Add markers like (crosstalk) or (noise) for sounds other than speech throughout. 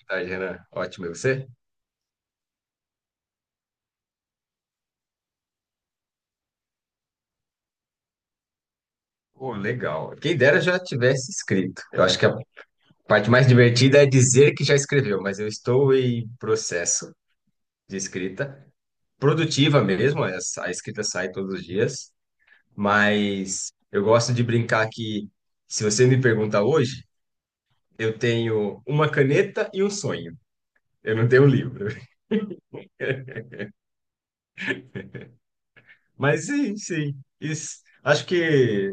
Boa tarde, Renan. Ótimo, e você? Pô, legal. Quem dera já tivesse escrito. Eu acho que a parte mais divertida é dizer que já escreveu, mas eu estou em processo de escrita, produtiva mesmo, a escrita sai todos os dias, mas eu gosto de brincar que, se você me pergunta hoje, eu tenho uma caneta e um sonho. Eu não tenho um livro. Mas sim, sim. Isso, acho que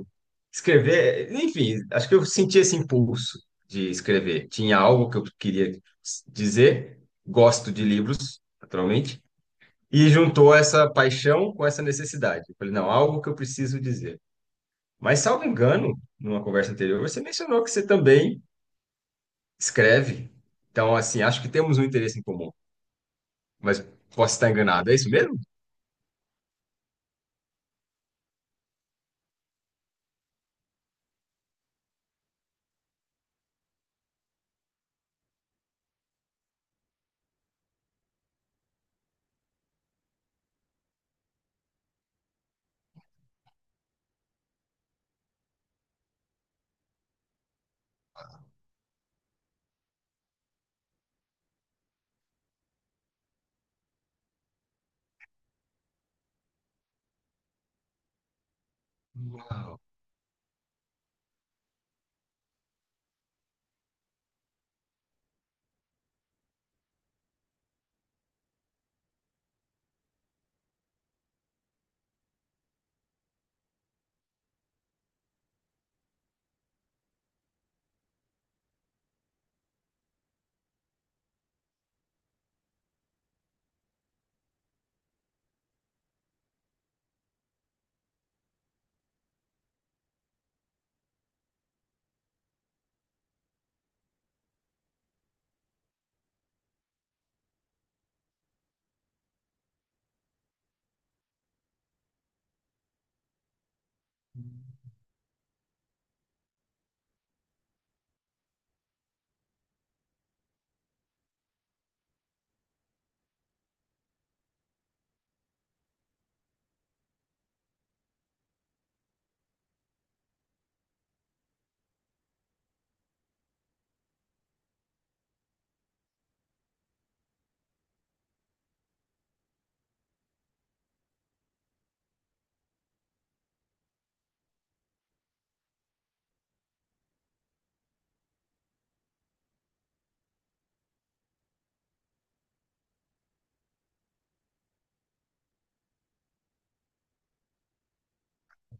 escrever, enfim, acho que eu senti esse impulso de escrever. Tinha algo que eu queria dizer, gosto de livros, naturalmente, e juntou essa paixão com essa necessidade. Eu falei, não, algo que eu preciso dizer. Mas, salvo engano, numa conversa anterior, você mencionou que você também escreve. Então, assim, acho que temos um interesse em comum, mas posso estar enganado. É isso mesmo?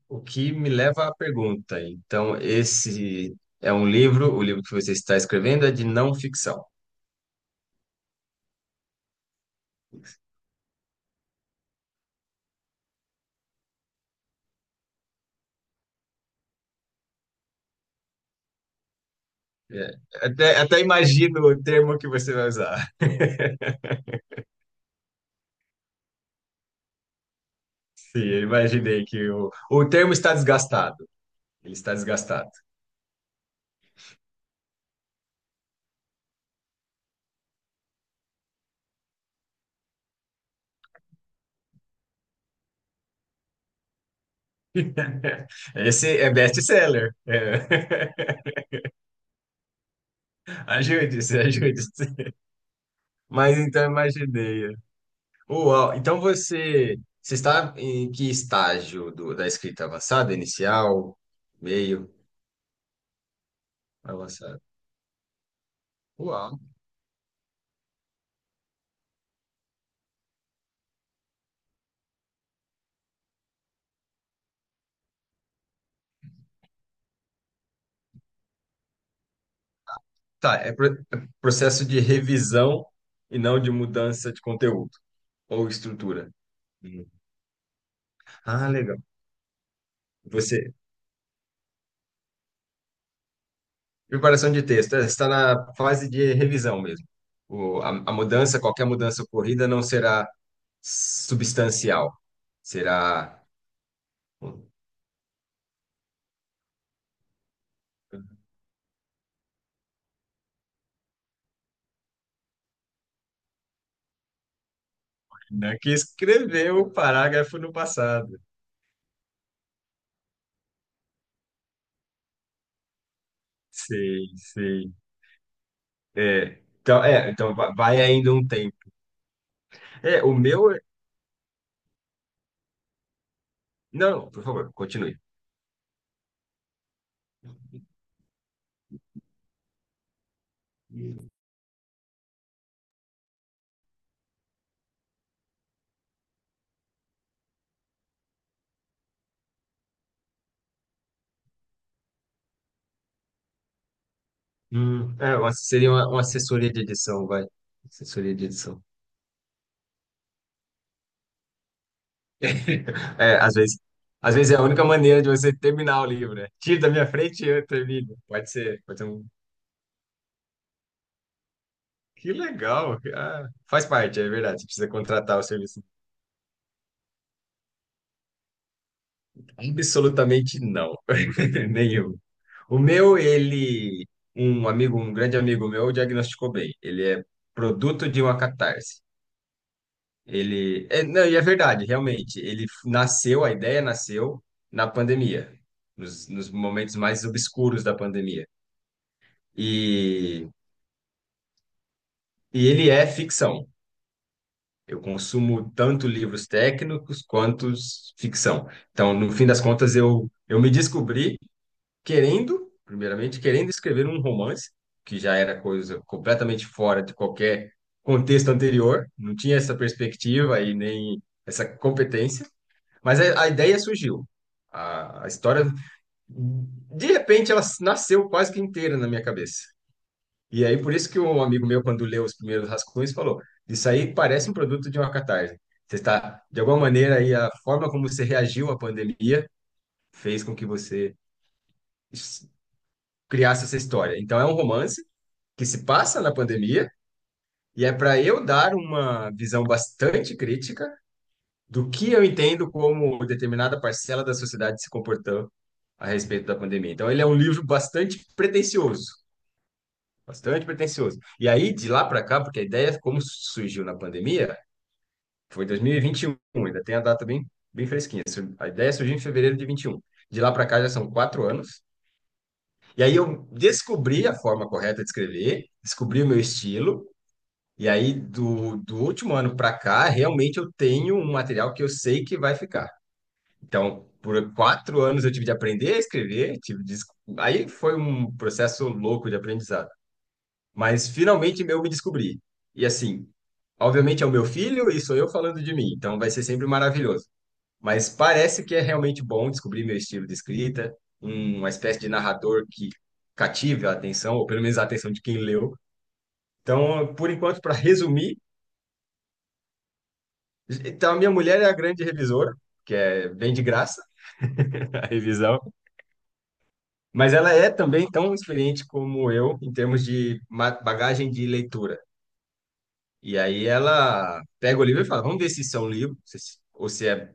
O que me leva à pergunta. Então, esse é um livro, o livro que você está escrevendo é de não ficção. É, até imagino o termo que você vai usar. (laughs) Sim, eu imaginei que o termo está desgastado. Ele está desgastado. (laughs) Esse é best-seller. É. (laughs) Ajude-se, ajude-se. Mas então imaginei. Uau, então você, você está em que estágio da escrita avançada, inicial, meio, avançado? Uau. Tá, é é processo de revisão e não de mudança de conteúdo ou estrutura. Uhum. Ah, legal. Você, preparação de texto, é, está na fase de revisão mesmo. A mudança, qualquer mudança ocorrida não será substancial, será né, que escreveu o parágrafo no passado. Sei, sei. É, então vai ainda um tempo. É, o meu. Não, por favor, continue. É, seria uma assessoria de edição, vai. Assessoria de edição. É, às vezes é a única maneira de você terminar o livro, né? Tira da minha frente e eu termino. Pode ser um. Que legal! Ah, faz parte, é verdade. Você precisa contratar o serviço. Absolutamente não. (laughs) Nenhum. O meu, ele, um amigo, um grande amigo meu, diagnosticou bem. Ele é produto de uma catarse. Ele, é, não, e é verdade, realmente. Ele nasceu, a ideia nasceu na pandemia, nos momentos mais obscuros da pandemia. E, e ele é ficção. Eu consumo tanto livros técnicos quanto ficção. Então, no fim das contas, eu me descobri querendo, primeiramente, querendo escrever um romance, que já era coisa completamente fora de qualquer contexto anterior, não tinha essa perspectiva e nem essa competência. Mas a ideia surgiu. A história, de repente, ela nasceu quase que inteira na minha cabeça. E aí, por isso que um amigo meu, quando leu os primeiros rascunhos, falou: Isso aí parece um produto de uma catarse. Você está, de alguma maneira, aí, a forma como você reagiu à pandemia fez com que você s- criasse essa história. Então, é um romance que se passa na pandemia e é para eu dar uma visão bastante crítica do que eu entendo como determinada parcela da sociedade se comportou a respeito da pandemia. Então, ele é um livro bastante pretensioso, bastante pretensioso. E aí, de lá para cá, porque a ideia, como surgiu na pandemia, foi 2021, ainda tem a data bem, bem fresquinha. A ideia surgiu em fevereiro de 21. De lá para cá já são 4 anos. E aí eu descobri a forma correta de escrever, descobri o meu estilo. E aí, do último ano para cá, realmente eu tenho um material que eu sei que vai ficar. Então, por 4 anos eu tive de aprender a escrever, tive de... aí foi um processo louco de aprendizado. Mas finalmente eu me descobri. E assim, obviamente é o meu filho e sou eu falando de mim, então vai ser sempre maravilhoso. Mas parece que é realmente bom descobrir meu estilo de escrita, uma espécie de narrador que cative a atenção, ou pelo menos a atenção de quem leu. Então, por enquanto, para resumir, então a minha mulher é a grande revisora, que é bem de graça (laughs) a revisão. Mas ela é também tão experiente como eu em termos de bagagem de leitura. E aí ela pega o livro e fala: vamos ver se isso é um livro ou se é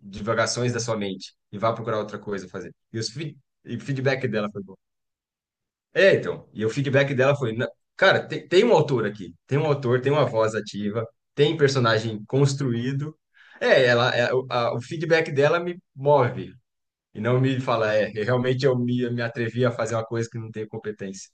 divagações da sua mente e vá procurar outra coisa a fazer. E o feedback dela foi bom. É, então. E o feedback dela foi: cara, tem um autor aqui, tem um autor, tem uma voz ativa, tem personagem construído. É, ela, o feedback dela me move. E não me fala, é, realmente eu me atrevi a fazer uma coisa que não tenho competência.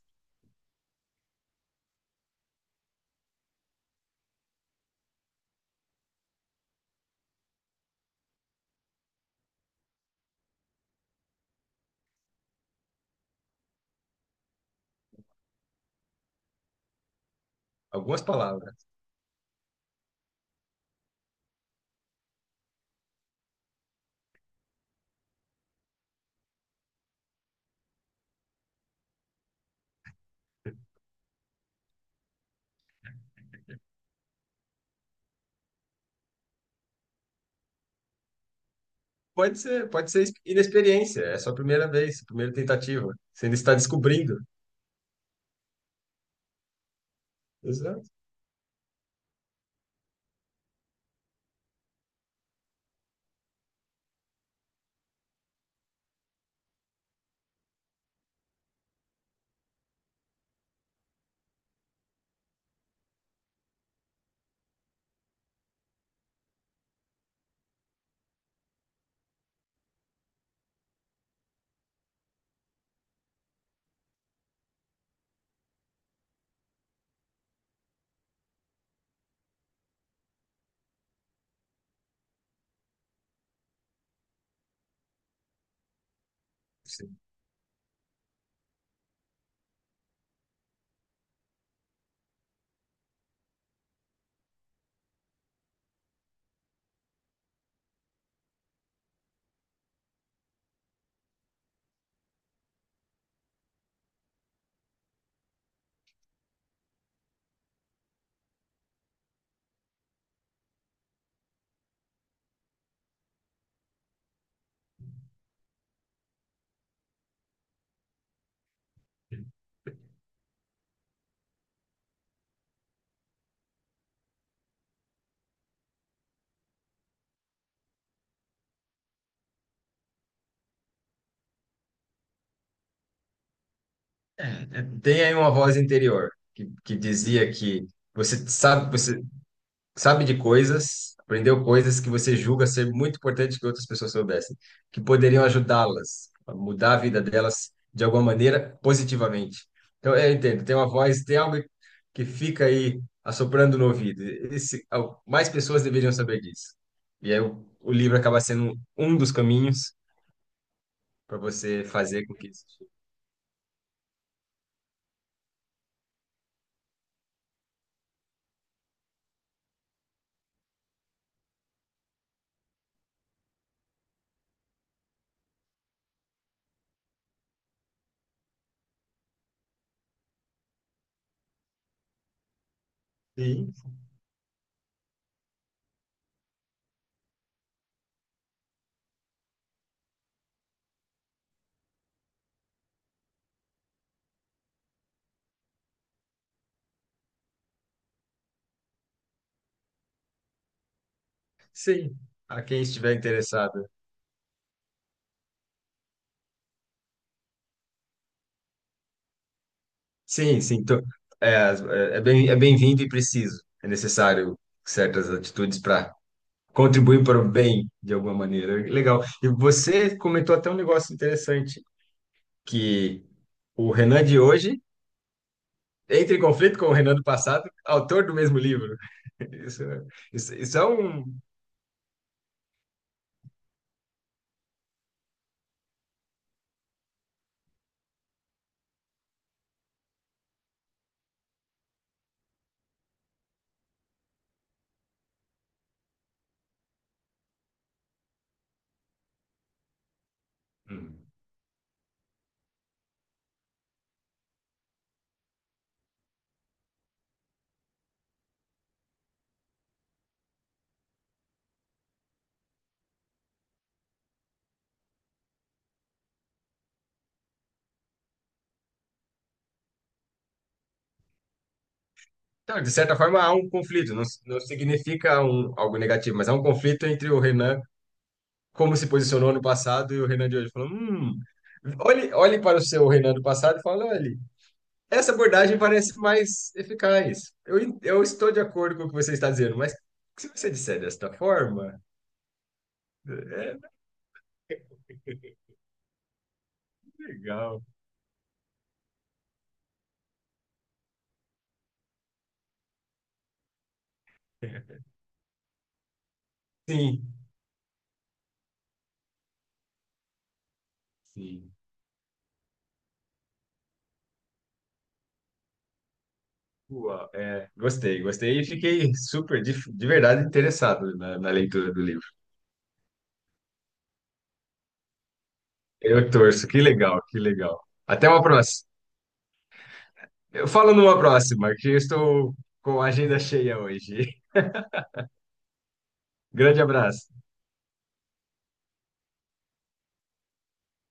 Algumas palavras. Pode ser inexperiência, é sua primeira vez, sua primeira tentativa. Você ainda está descobrindo. Exato. Sim. É, é, tem aí uma voz interior que dizia que você sabe de coisas, aprendeu coisas que você julga ser muito importante que outras pessoas soubessem, que poderiam ajudá-las a mudar a vida delas de alguma maneira positivamente. Então, eu entendo, tem uma voz, tem algo que fica aí assoprando no ouvido. Mais pessoas deveriam saber disso. E aí o livro acaba sendo um dos caminhos para você fazer com que isso chegue. Sim, sim. A quem estiver interessado. Sim, sim. Então, é, é bem, é bem-vindo e preciso. É necessário certas atitudes para contribuir para o bem de alguma maneira. Legal. E você comentou até um negócio interessante, que o Renan de hoje entra em conflito com o Renan do passado, autor do mesmo livro. (laughs) Isso, isso é um. Hum. Então, de certa forma, há um conflito. Não, não significa um, algo negativo, mas há um conflito entre o Renan como se posicionou no passado e o Renan de hoje falou, olhe, olhe para o seu Renan do passado e fala, olhe, essa abordagem parece mais eficaz. Eu, eu estou de acordo com o que você está dizendo, mas se você disser desta forma, é legal. (laughs) Sim, sim. Uau, é, gostei, gostei e fiquei super, de verdade, interessado na leitura do livro. Eu torço, que legal, que legal. Até uma próxima. Eu falo numa próxima, que eu estou com a agenda cheia hoje. (laughs) Grande abraço.